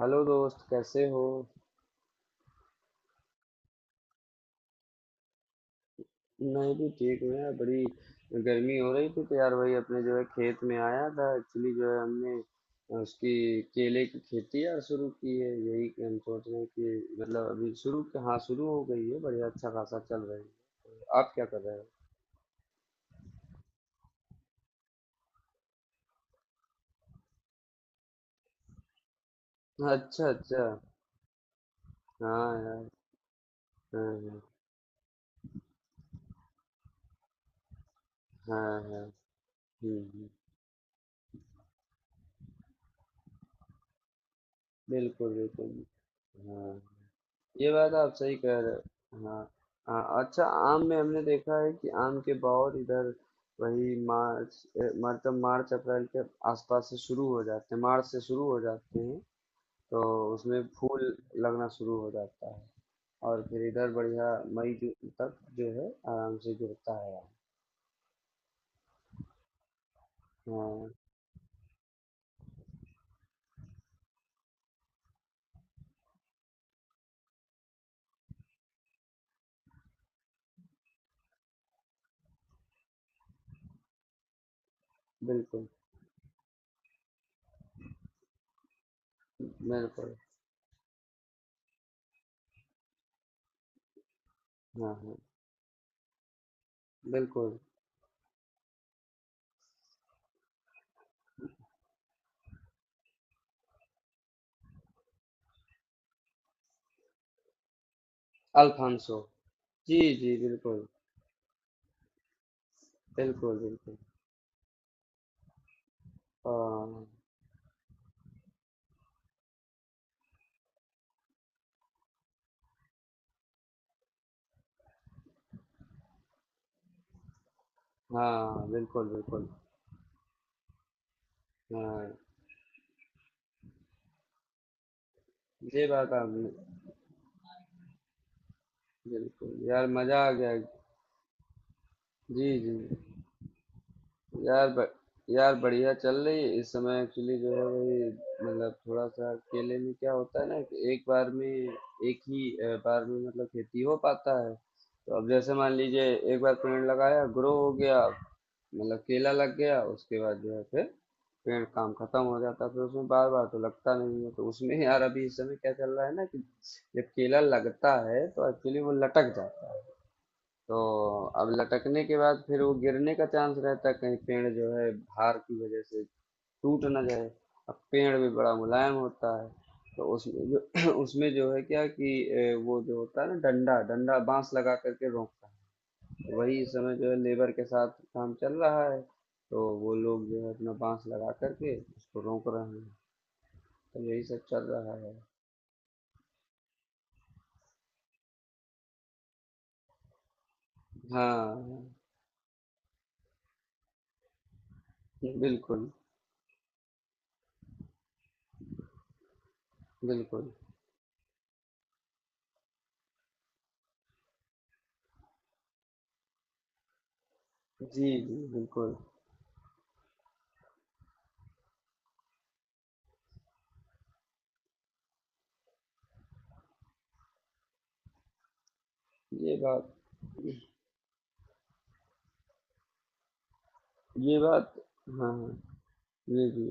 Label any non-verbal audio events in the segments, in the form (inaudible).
Hello दोस्त कैसे हो। मैं भी ठीक हूँ यार। बड़ी गर्मी हो रही थी तो यार वही अपने जो है खेत में आया था। एक्चुअली जो है हमने उसकी केले की खेती यार शुरू की है। यही कि हम सोच रहे हैं कि मतलब अभी शुरू, हाँ शुरू हो गई है। बढ़िया अच्छा खासा चल रही है। आप क्या कर रहे हो। अच्छा अच्छा। हाँ यार। हाँ हाँ। हाँ हाँ। हम्म, बिल्कुल बिल्कुल। हाँ ये बात आप सही कह रहे हो। हाँ। हाँ अच्छा। आम में हमने देखा है कि आम के बौर इधर वही मार्च मतलब मार्च अप्रैल के आसपास से शुरू हो जाते हैं। मार्च से शुरू हो जाते हैं। तो उसमें फूल लगना शुरू हो जाता है और फिर इधर बढ़िया मई जून तक जो है आराम से गिरता है आम। हाँ बिल्कुल बिल्कुल। हाँ हाँ बिल्कुल। अल्फांसो। जी जी बिल्कुल। बिल्कुल बिल्कुल। हाँ हाँ बिल्कुल। बिल्कुल। हाँ ये बात आपने, बिल्कुल यार मजा आ गया। जी जी। यार ब, यार बढ़िया चल रही है। इस समय एक्चुअली जो है वही मतलब थोड़ा सा केले में क्या होता है ना कि एक बार में एक ही बार में मतलब खेती हो पाता है। तो अब जैसे मान लीजिए, एक बार पेड़ लगाया, ग्रो हो गया, मतलब केला लग गया। उसके बाद जो है फिर पेड़ काम खत्म हो जाता है। फिर उसमें बार बार तो लगता नहीं है। तो उसमें यार अभी इस समय क्या चल रहा है ना कि जब केला लगता है तो एक्चुअली वो लटक जाता है। तो अब लटकने के बाद फिर वो गिरने का चांस रहता है, कहीं पेड़ जो है भार की वजह से टूट ना जाए। अब पेड़ भी बड़ा मुलायम होता है। तो उसमें जो (clears throat) उसमें जो है क्या कि वो जो होता है ना डंडा डंडा बांस लगा करके रोकता है। तो वही इस समय जो है लेबर के साथ काम चल रहा है। तो वो लोग जो है अपना बांस लगा करके उसको रोक रहे हैं। तो यही सब चल रहा है। हाँ बिल्कुल बिल्कुल। जी जी बिल्कुल। ये बात, ये बात। हाँ हाँ जी, जी,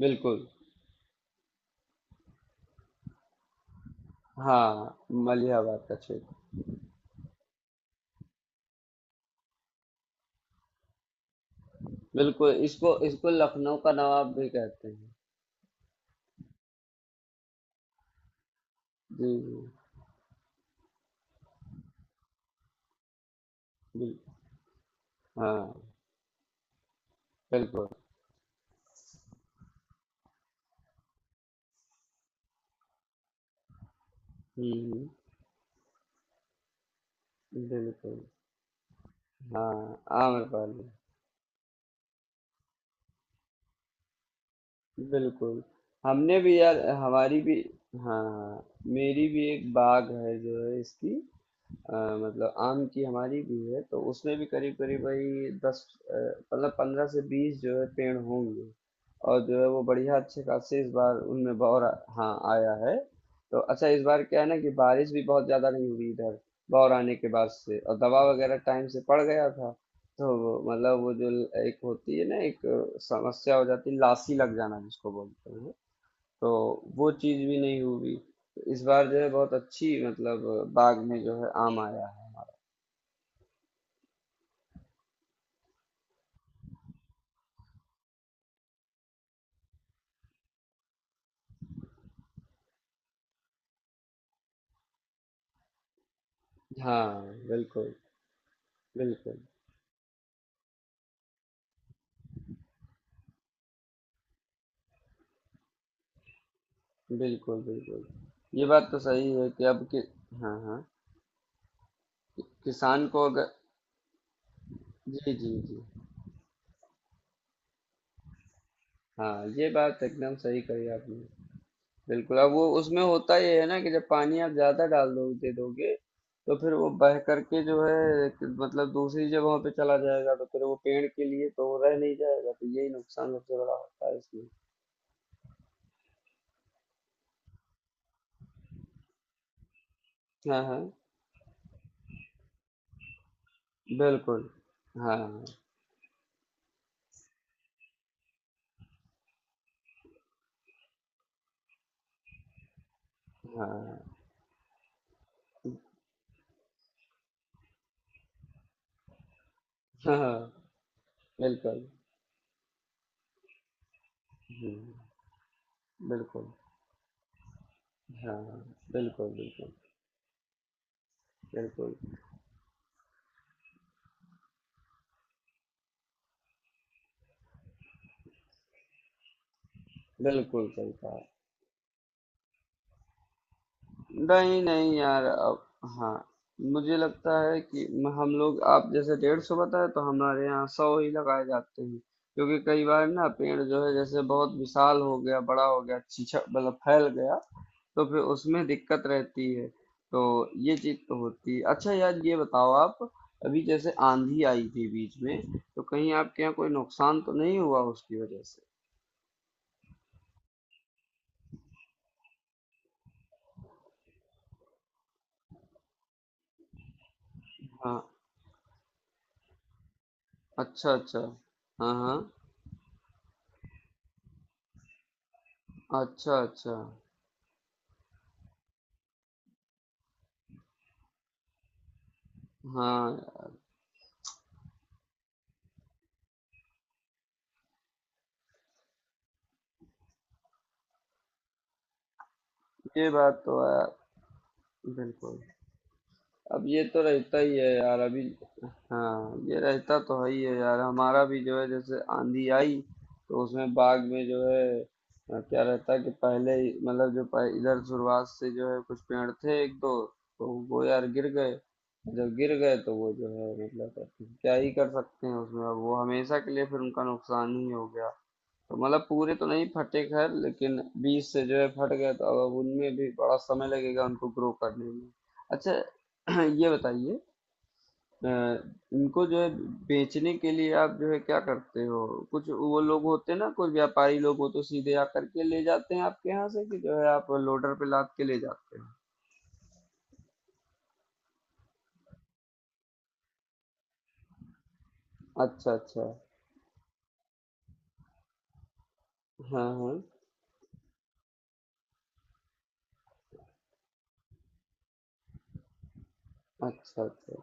बिल्कुल। हाँ, मलिहाबाद का क्षेत्र। बिल्कुल, इसको इसको लखनऊ का नवाब भी कहते हैं। जी, जी, बिल हाँ, बिल्कुल। हुँ, बिल्कुल। हाँ, आम्रपाली। बिल्कुल, हमने भी यार, हमारी भी, हाँ, मेरी भी एक बाग़ है जो है इसकी। अ, मतलब आम की हमारी भी है, तो उसमें भी करीब करीब भाई 10, अ, मतलब 15 से 20 जो है पेड़ होंगे। और जो है वो बढ़िया अच्छे खासे इस बार उनमें हाँ आया है। तो अच्छा इस बार क्या है ना कि बारिश भी बहुत ज्यादा नहीं हुई इधर, बौर आने के बाद से। और दवा वगैरह टाइम से पड़ गया था। तो मतलब वो जो एक होती है ना, एक समस्या हो जाती है, लासी लग जाना जिसको बोलते हैं। तो वो चीज भी नहीं हुई। तो इस बार जो है बहुत अच्छी मतलब बाग में जो है आम आया। हाँ बिल्कुल बिल्कुल। बिल्कुल बिल्कुल। ये बात तो सही है कि अब कि, हाँ हाँ, किसान को अगर, जी जी जी, हाँ ये बात एकदम सही कही आपने। बिल्कुल अब वो उसमें होता ये है ना कि जब पानी आप ज्यादा डाल दो दे दोगे तो फिर वो बह करके जो है कि मतलब दूसरी जगहों पे चला जाएगा। तो फिर वो पेड़ के लिए तो वो रह नहीं जाएगा। तो यही नुकसान सबसे बड़ा होता है इसमें। हाँ हाँ बिल्कुल। हाँ हाँ हाँ हाँ बिल्कुल। हम्म, बिल्कुल। हाँ, बिल्कुल, बिल्कुल, बिल्कुल, बिल्कुल सही कहा। नहीं, नहीं यार अब, हाँ, मुझे लगता है कि हम लोग आप जैसे 150 बताए तो हमारे यहाँ 100 ही लगाए जाते हैं। क्योंकि कई बार ना पेड़ जो है जैसे बहुत विशाल हो गया, बड़ा हो गया, छीछा मतलब फैल गया, तो फिर उसमें दिक्कत रहती है। तो ये चीज तो होती है। अच्छा यार ये बताओ आप, अभी जैसे आंधी आई थी बीच में, तो कहीं आपके यहाँ कोई नुकसान तो नहीं हुआ उसकी वजह से। हाँ अच्छा अच्छा। हाँ हाँ अच्छा अच्छा। हाँ ये बात तो है बिल्कुल अब ये तो रहता ही है यार अभी हाँ ये रहता तो है ही है यार हमारा भी जो है जैसे आंधी आई तो उसमें बाग में जो है अ, क्या रहता है कि पहले ही- मतलब जो पह- इधर शुरुआत से जो है कुछ पेड़ थे एक दो तो वो यार गिर गए जब गिर गए तो वो जो है मतलब अब क्या ही कर सकते हैं उसमें अब वो हमेशा के लिए फिर उनका नुकसान ही हो गया तो मतलब पूरे तो नहीं फटे खैर लेकिन बीज से जो है फट गए तो अब उनमें भी बड़ा समय लगेगा उनको ग्रो करने में अच्छा (clears throat) ये बताइए अ, इनको जो है बेचने के लिए आप जो है क्या करते हो कुछ वो लोग होते हैं ना कुछ व्यापारी लोग हो तो सीधे आकर के ले जाते हैं आपके यहाँ से कि जो है आप लोडर पे लाद के ले जाते हैं अच्छा अच्छा हाँ हाँ अच्छा अच्छा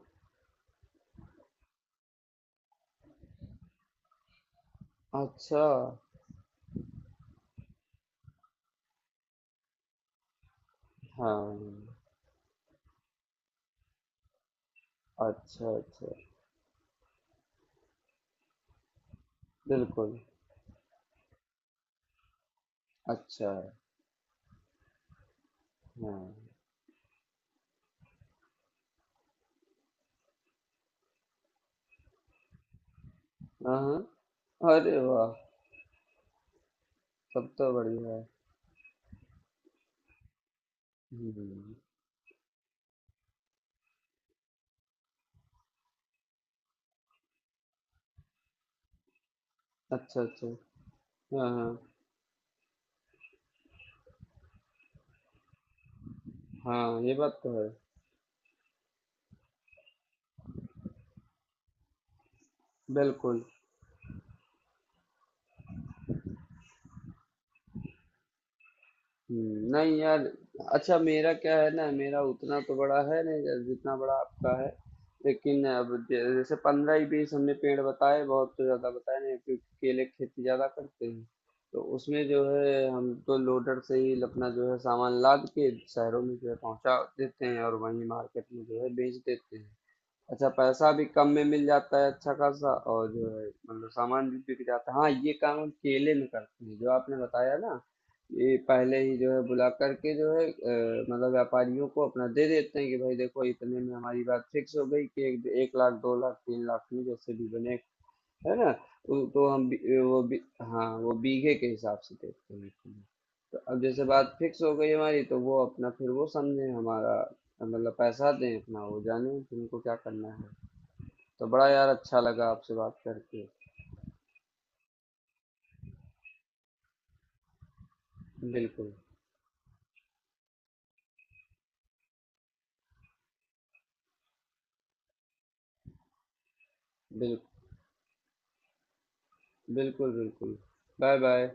अच्छा हाँ हाँ। अच्छा अच्छा बिल्कुल। अच्छा हाँ हाँ हाँ अरे वाह। तब तो बढ़िया है। हम्म। अच्छा अच्छा। हाँ हाँ हाँ ये बात तो है। बिल्कुल। नहीं यार, अच्छा मेरा क्या है ना, मेरा उतना तो बड़ा है नहीं जितना बड़ा आपका है। लेकिन अब जैसे 15 ही 20 हमने पेड़ बताए, बहुत तो ज्यादा बताए नहीं, क्योंकि केले की खेती ज्यादा करते हैं। तो उसमें जो है हम तो लोडर से ही अपना जो है सामान लाद के शहरों में जो है पहुंचा देते हैं, और वहीं मार्केट में जो है बेच देते हैं। अच्छा पैसा भी कम में मिल जाता है अच्छा खासा। और जो है मतलब सामान भी बिक जाता है। हाँ ये काम हम केले में करते हैं, जो आपने बताया ना, ये पहले ही जो है बुला करके जो है, मतलब व्यापारियों को अपना दे देते हैं, कि भाई देखो इतने में हमारी बात फिक्स हो गई, कि एक लाख दो लाख तीन लाख में जैसे भी बने, है ना। तो हम हाँ वो बीघे के हिसाब से देखते हैं कि, तो अब जैसे बात फिक्स हो गई हमारी, तो वो अपना फिर वो समझे हमारा, मतलब पैसा दें अपना, वो जाने कि उनको क्या करना है। तो बड़ा यार अच्छा लगा आपसे बात करके। बिल्कुल बिल्कुल। बिल्कुल बिल्कुल। Bye bye.